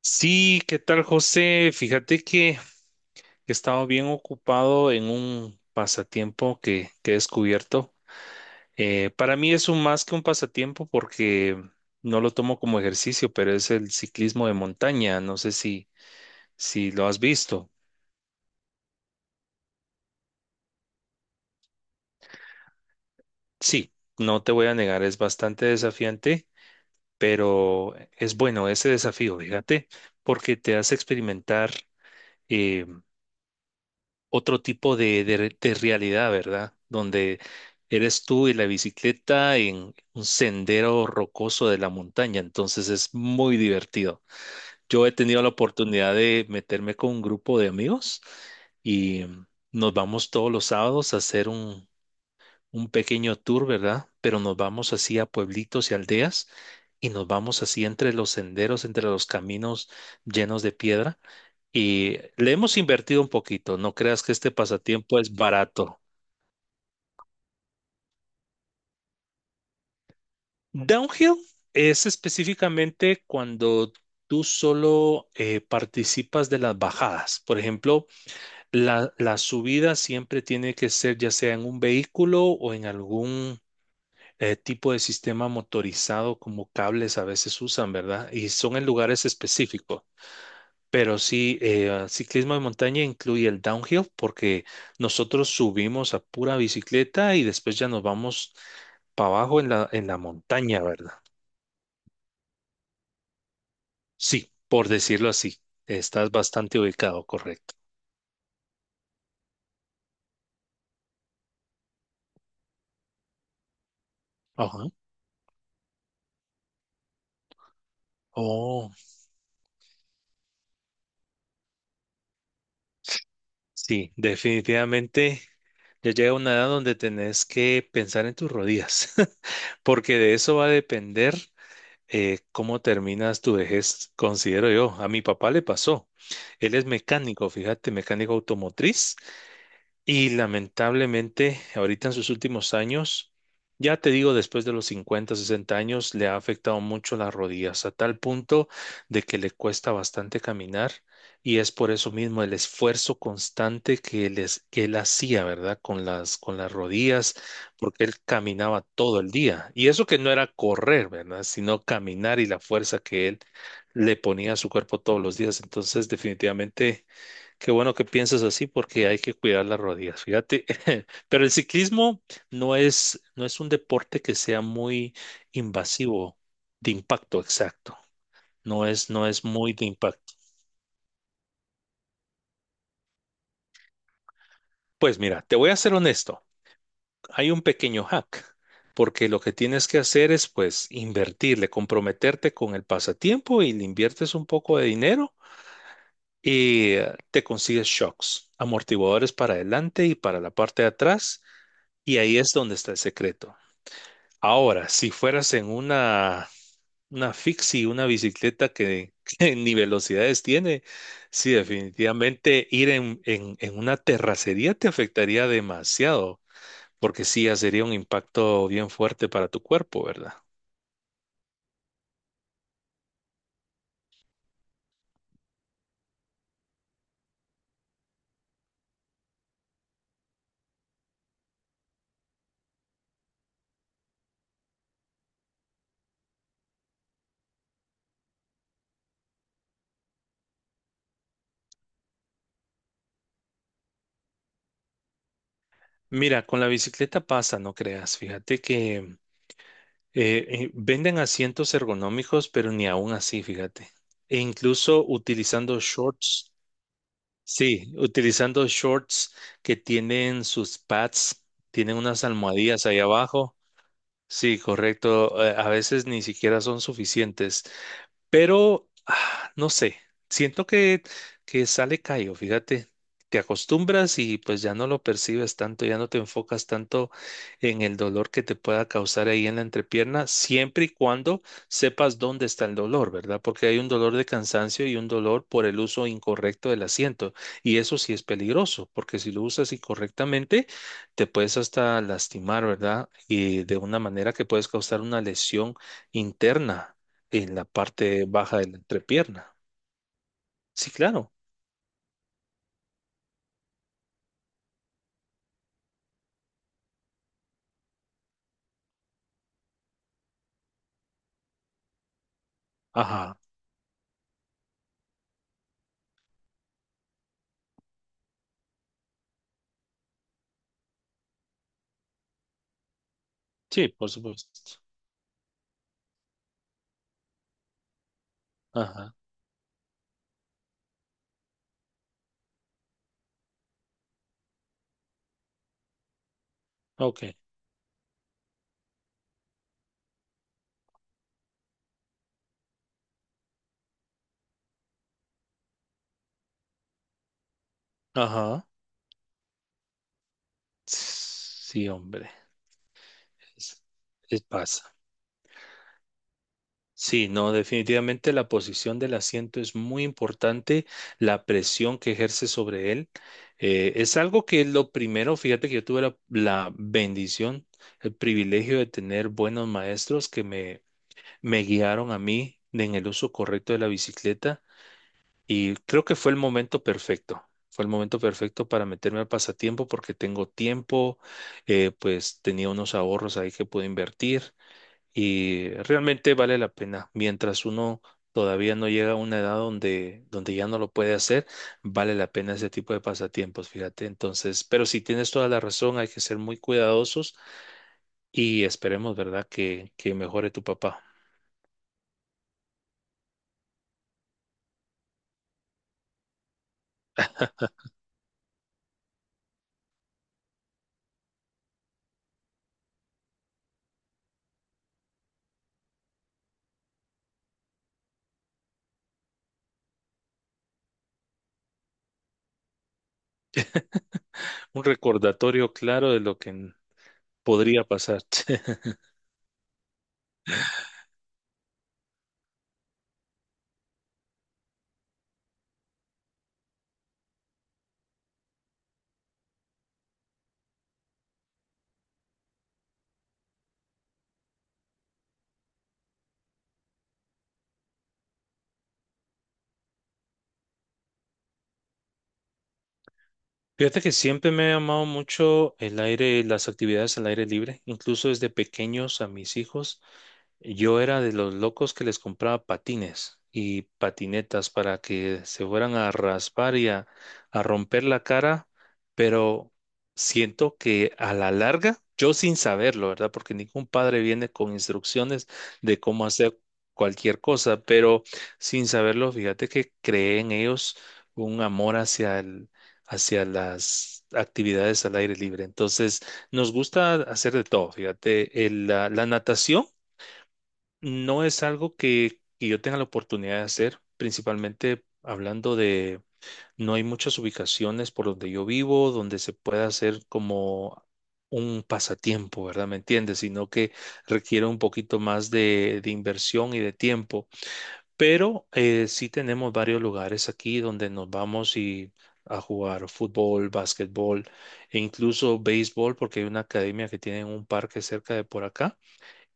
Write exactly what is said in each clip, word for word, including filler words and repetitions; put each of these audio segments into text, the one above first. Sí, ¿qué tal, José? Fíjate que he estado bien ocupado en un pasatiempo que, que he descubierto. Eh, para mí es un más que un pasatiempo porque no lo tomo como ejercicio, pero es el ciclismo de montaña. No sé si, si lo has visto. Sí, no te voy a negar, es bastante desafiante, pero es bueno ese desafío, fíjate, porque te hace experimentar eh, otro tipo de, de- de realidad, ¿verdad? Donde eres tú y la bicicleta en un sendero rocoso de la montaña, entonces es muy divertido. Yo he tenido la oportunidad de meterme con un grupo de amigos y nos vamos todos los sábados a hacer un, un pequeño tour, ¿verdad? Pero nos vamos así a pueblitos y aldeas y nos vamos así entre los senderos, entre los caminos llenos de piedra y le hemos invertido un poquito. No creas que este pasatiempo es barato. Downhill es específicamente cuando tú solo eh, participas de las bajadas. Por ejemplo, la, la subida siempre tiene que ser ya sea en un vehículo o en algún eh, tipo de sistema motorizado como cables a veces usan, ¿verdad? Y son en lugares específicos. Pero sí, eh, ciclismo de montaña incluye el downhill porque nosotros subimos a pura bicicleta y después ya nos vamos para abajo en la, en la montaña, ¿verdad? Sí, por decirlo así, estás bastante ubicado, correcto. Ajá. Oh, sí, definitivamente ya llega una edad donde tenés que pensar en tus rodillas, porque de eso va a depender eh, cómo terminas tu vejez, considero yo. A mi papá le pasó. Él es mecánico, fíjate, mecánico automotriz. Y lamentablemente, ahorita en sus últimos años, ya te digo, después de los cincuenta sesenta años, le ha afectado mucho las rodillas, a tal punto de que le cuesta bastante caminar y es por eso mismo el esfuerzo constante que él, es- que él hacía, ¿verdad? Con las, con las rodillas, porque él caminaba todo el día. Y eso que no era correr, ¿verdad? Sino caminar y la fuerza que él le ponía a su cuerpo todos los días. Entonces, definitivamente qué bueno que piensas así porque hay que cuidar las rodillas, fíjate. Pero el ciclismo no es, no es un deporte que sea muy invasivo, de impacto, exacto. No es, no es muy de impacto. Pues mira, te voy a ser honesto. Hay un pequeño hack, porque lo que tienes que hacer es pues invertirle, comprometerte con el pasatiempo y le inviertes un poco de dinero y eh, te consigues shocks, amortiguadores para adelante y para la parte de atrás. Y ahí es donde está el secreto. Ahora, si fueras en una, una fixie, una bicicleta que, que ni velocidades tiene, sí, definitivamente ir en, en, en una terracería te afectaría demasiado, porque sí, ya sería un impacto bien fuerte para tu cuerpo, ¿verdad? Mira, con la bicicleta pasa, no creas, fíjate que eh, eh, venden asientos ergonómicos, pero ni aún así, fíjate. E incluso utilizando shorts. Sí, utilizando shorts que tienen sus pads, tienen unas almohadillas ahí abajo. Sí, correcto. eh, A veces ni siquiera son suficientes. Pero, ah, no sé, siento que, que sale callo, fíjate, te acostumbras y pues ya no lo percibes tanto, ya no te enfocas tanto en el dolor que te pueda causar ahí en la entrepierna, siempre y cuando sepas dónde está el dolor, ¿verdad? Porque hay un dolor de cansancio y un dolor por el uso incorrecto del asiento, y eso sí es peligroso, porque si lo usas incorrectamente, te puedes hasta lastimar, ¿verdad? Y de una manera que puedes causar una lesión interna en la parte baja de la entrepierna. Sí, claro. Ajá. Sí, por supuesto. Ajá. Ok. Ajá. Sí, hombre. Es, es- Pasa. Sí, no, definitivamente la posición del asiento es muy importante, la presión que ejerce sobre él. Eh, es algo que lo primero, fíjate que yo tuve la, la bendición, el privilegio de tener buenos maestros que me, me guiaron a mí en el uso correcto de la bicicleta. Y creo que fue el momento perfecto. Fue el momento perfecto para meterme al pasatiempo porque tengo tiempo, eh, pues tenía unos ahorros ahí que pude invertir y realmente vale la pena. Mientras uno todavía no llega a una edad donde, donde ya no lo puede hacer, vale la pena ese tipo de pasatiempos, fíjate. Entonces, pero si tienes toda la razón, hay que ser muy cuidadosos y esperemos, ¿verdad?, que, que mejore tu papá. Un recordatorio claro de lo que podría pasar. Fíjate que siempre me ha llamado mucho el aire, las actividades al aire libre, incluso desde pequeños a mis hijos. Yo era de los locos que les compraba patines y patinetas para que se fueran a raspar y a a romper la cara, pero siento que a la larga, yo sin saberlo, ¿verdad? Porque ningún padre viene con instrucciones de cómo hacer cualquier cosa, pero sin saberlo, fíjate que creé en ellos un amor hacia el- hacia las actividades al aire libre. Entonces, nos gusta hacer de todo, fíjate, el- la la natación. No es algo que, que yo tenga la oportunidad de hacer, principalmente hablando de, no hay muchas ubicaciones por donde yo vivo donde se pueda hacer como un pasatiempo, ¿verdad? ¿Me entiendes? Sino que requiere un poquito más de, de inversión y de tiempo. Pero eh, sí tenemos varios lugares aquí donde nos vamos y a jugar fútbol, básquetbol e incluso béisbol, porque hay una academia que tiene un parque cerca de por acá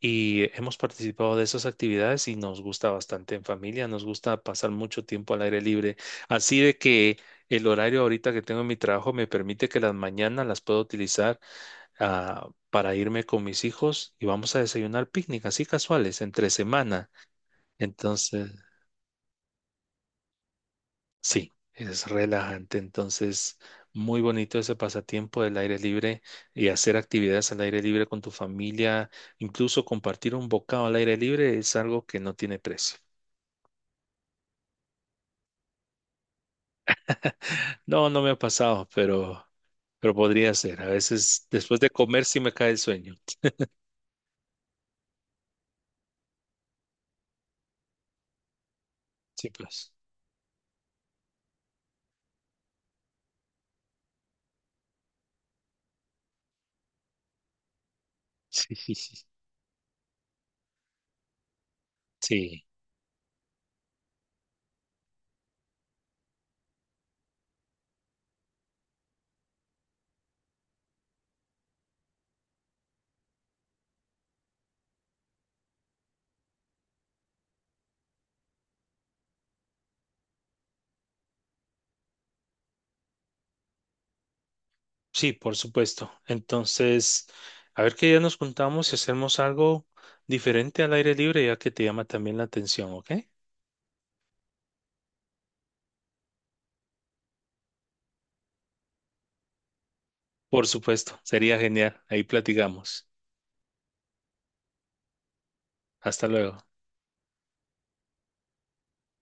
y hemos participado de esas actividades y nos gusta bastante en familia, nos gusta pasar mucho tiempo al aire libre. Así de que el horario ahorita que tengo en mi trabajo me permite que las mañanas las puedo utilizar ah, para irme con mis hijos y vamos a desayunar picnic, así casuales, entre semana. Entonces, sí, es relajante. Entonces, muy bonito ese pasatiempo del aire libre y hacer actividades al aire libre con tu familia, incluso compartir un bocado al aire libre es algo que no tiene precio. No, no me ha pasado, pero, pero podría ser. A veces después de comer sí me cae el sueño. Sí, pues. Sí, sí, sí. Sí, sí, por supuesto. Entonces, a ver qué día nos juntamos y hacemos algo diferente al aire libre, ya que te llama también la atención, ¿ok? Por supuesto, sería genial. Ahí platicamos. Hasta luego.